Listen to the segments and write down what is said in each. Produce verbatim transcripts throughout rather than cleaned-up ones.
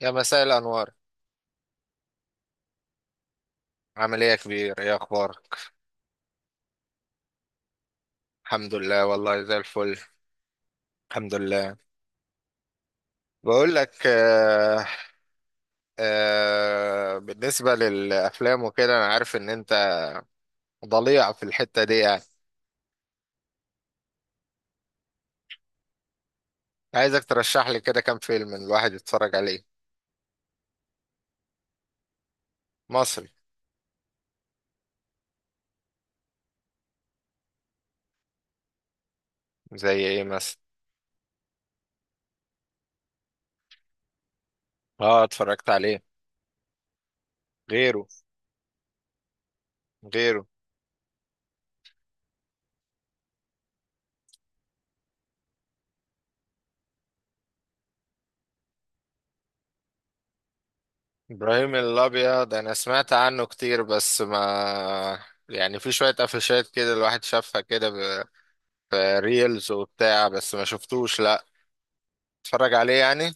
يا مساء الأنوار. عامل إيه يا كبير؟ إيه أخبارك؟ الحمد لله والله زي الفل الحمد لله. بقول لك آه آه بالنسبة للأفلام وكده أنا عارف إن أنت ضليع في الحتة دي يعني. عايزك ترشح لي كده كام فيلم الواحد يتفرج عليه. مصري. زي إيه مثلا؟ آه اتفرجت عليه، غيره. غيره. إبراهيم الأبيض أنا سمعت عنه كتير بس ما يعني، في شوية قفشات كده الواحد شافها كده في ريلز وبتاع بس ما شفتوش، لا اتفرج عليه يعني.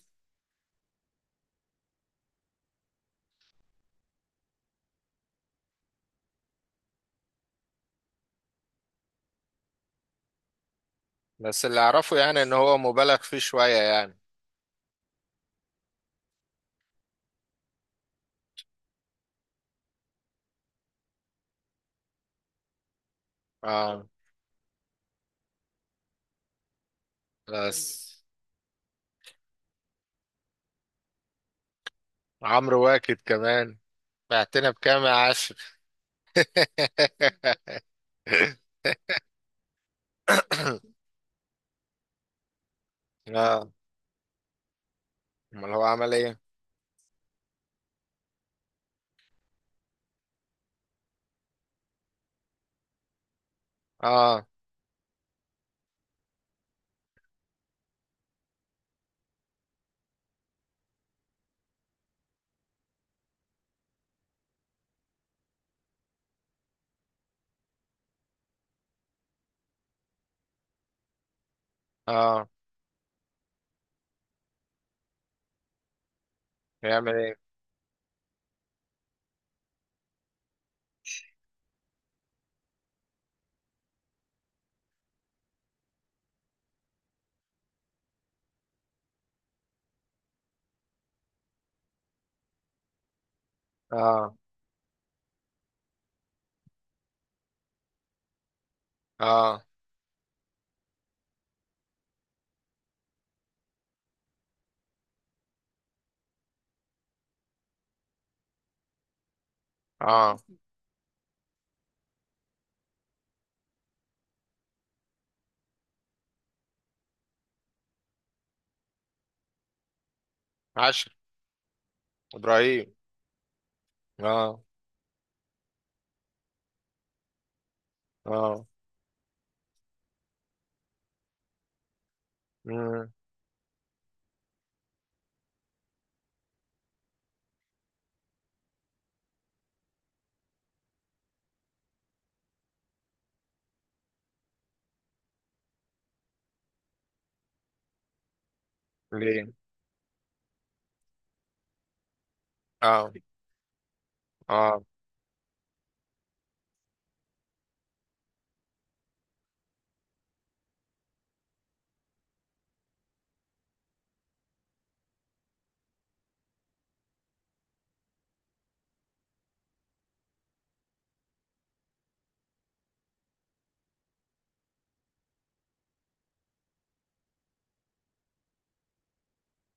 بس اللي اعرفه يعني ان هو مبالغ فيه شوية يعني. اه. بس عمرو واكد كمان. بعتنا بكام يا عشر. اه. امال هو عمل ايه؟ اه. اه. يعمل ايه؟ اه. اه. اه. عشر. ابراهيم. اه. اه. مم. ليه؟ اه. اه.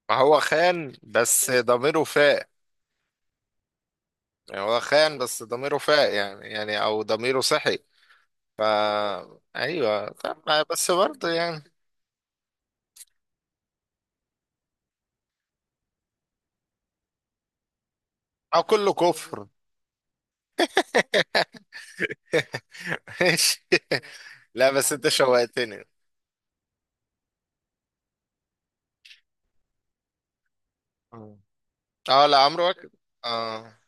ما هو خان بس ضميره فاق. يعني هو خان بس ضميره فاق يعني، يعني او ضميره صحي. فا ايوه طب. بس برضه يعني. او كله كفر. ماشي. لا بس انت شوقتني. اه لا عمرو واكد. اه.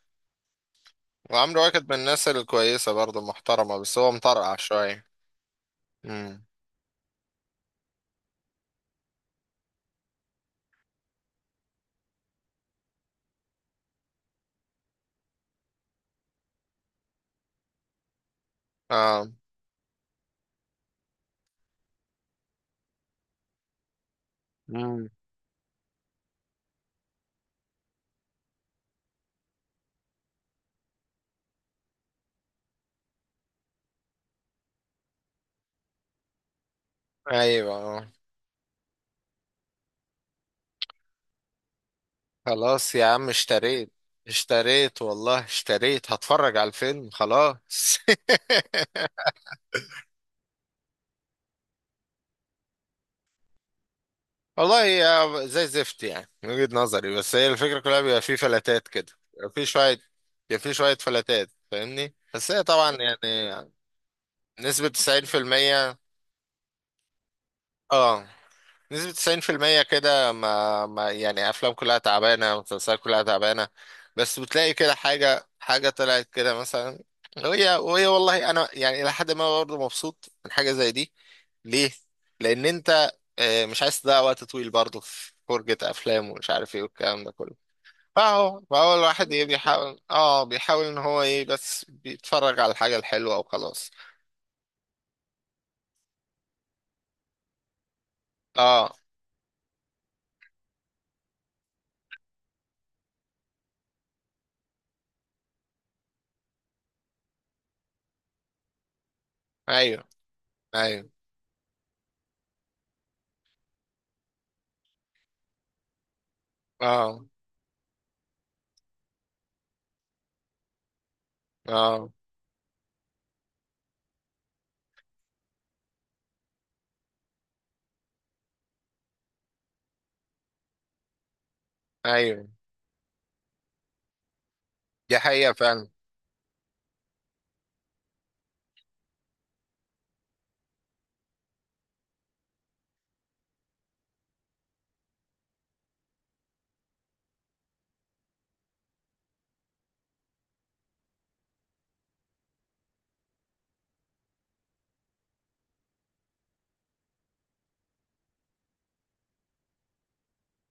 وعمرو واكد من الناس الكويسة برضه محترمة بس هو مطرقع شوية. امم. اه. امم. ايوه آه. خلاص يا عم اشتريت. اشتريت والله اشتريت، هتفرج على الفيلم خلاص. والله هي زي زفت يعني من وجهة نظري، بس هي الفكرة كلها بيبقى في فلاتات كده، بيبقى في شوية، بيبقى في شوية فلاتات فاهمني، بس هي طبعا يعني نسبة تسعين في المية اه، نسبة تسعين في المية كده ما, ما يعني أفلام كلها تعبانة مسلسلات كلها تعبانة، بس بتلاقي كده حاجة حاجة طلعت كده مثلا. وهي وهي والله أنا يعني إلى حد ما برضه مبسوط من حاجة زي دي. ليه؟ لأن أنت آه، مش عايز تضيع وقت طويل برضه في فرجة أفلام ومش عارف إيه والكلام ده كله. فهو فهو الواحد إيه بيحاول، آه بيحاول إن هو إيه بس بيتفرج على الحاجة الحلوة وخلاص. آه. أيوه. أيوه. آه. آه. أيوه. دي حقيقة فعلا.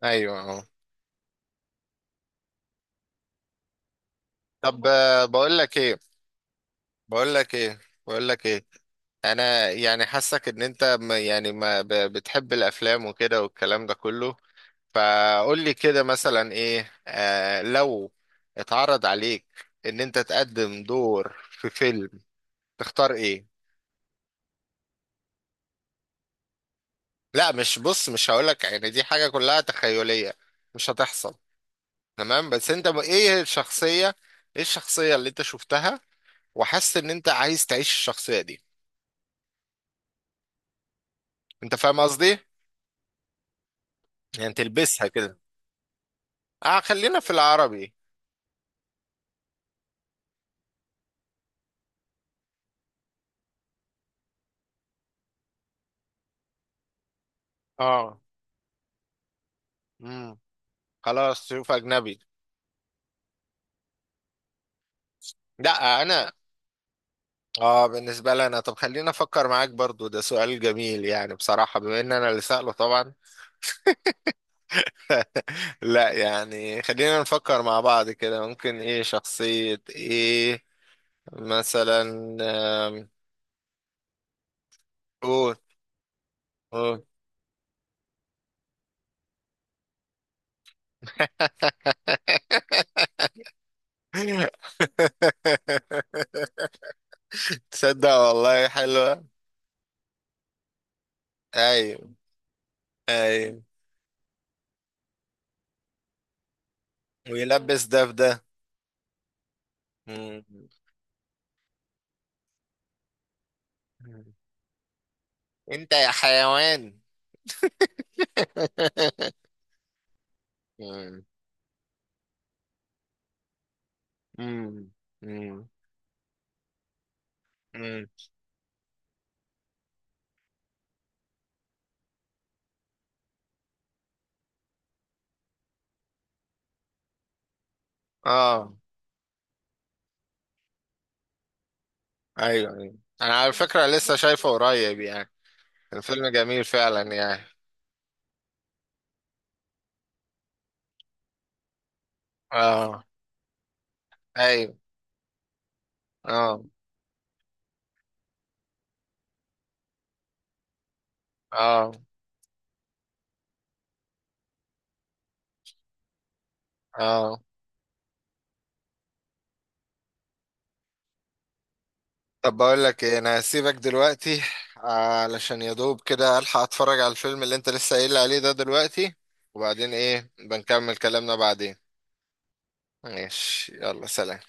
ايوه. اه. طب آه، بقول لك ايه، بقول لك ايه بقول لك ايه انا يعني حاسك ان انت ما- يعني ما ب- بتحب الافلام وكده والكلام ده كله. فقول لي كده مثلا ايه، آه لو اتعرض عليك ان انت تقدم دور في فيلم تختار ايه. لا مش بص، مش هقول لك يعني دي حاجة كلها تخيلية مش هتحصل. تمام. بس انت ب- ايه الشخصية؟ ايه الشخصية اللي انت شفتها وحاسس ان انت عايز تعيش الشخصية دي؟ انت فاهم قصدي؟ يعني تلبسها كده. اه خلينا في العربي. اه. امم. خلاص شوف اجنبي. لا انا. اه بالنسبه لي انا، طب خلينا افكر معاك برضو، ده سؤال جميل يعني بصراحه بما ان انا اللي سأله طبعا. لا يعني خلينا نفكر مع بعض كده ممكن ايه شخصيه ايه مثلا. آم، قول، قول. تصدق والله حلوه. ايوه. ايوه، ويلبس ده في ده. مم. انت يا حيوان. مم. مم. مم. مم. اه. ايوه، ايوه، انا على فكرة لسه شايفه قريب يعني، الفيلم جميل فعلا يعني. اه. ايوه. اه. اه. اه. طب بقول لك ايه، انا هسيبك دلوقتي علشان يا دوب كده الحق اتفرج على الفيلم اللي انت لسه قايل لي عليه ده دلوقتي، وبعدين ايه بنكمل كلامنا بعدين. ماشي، يلا سلام.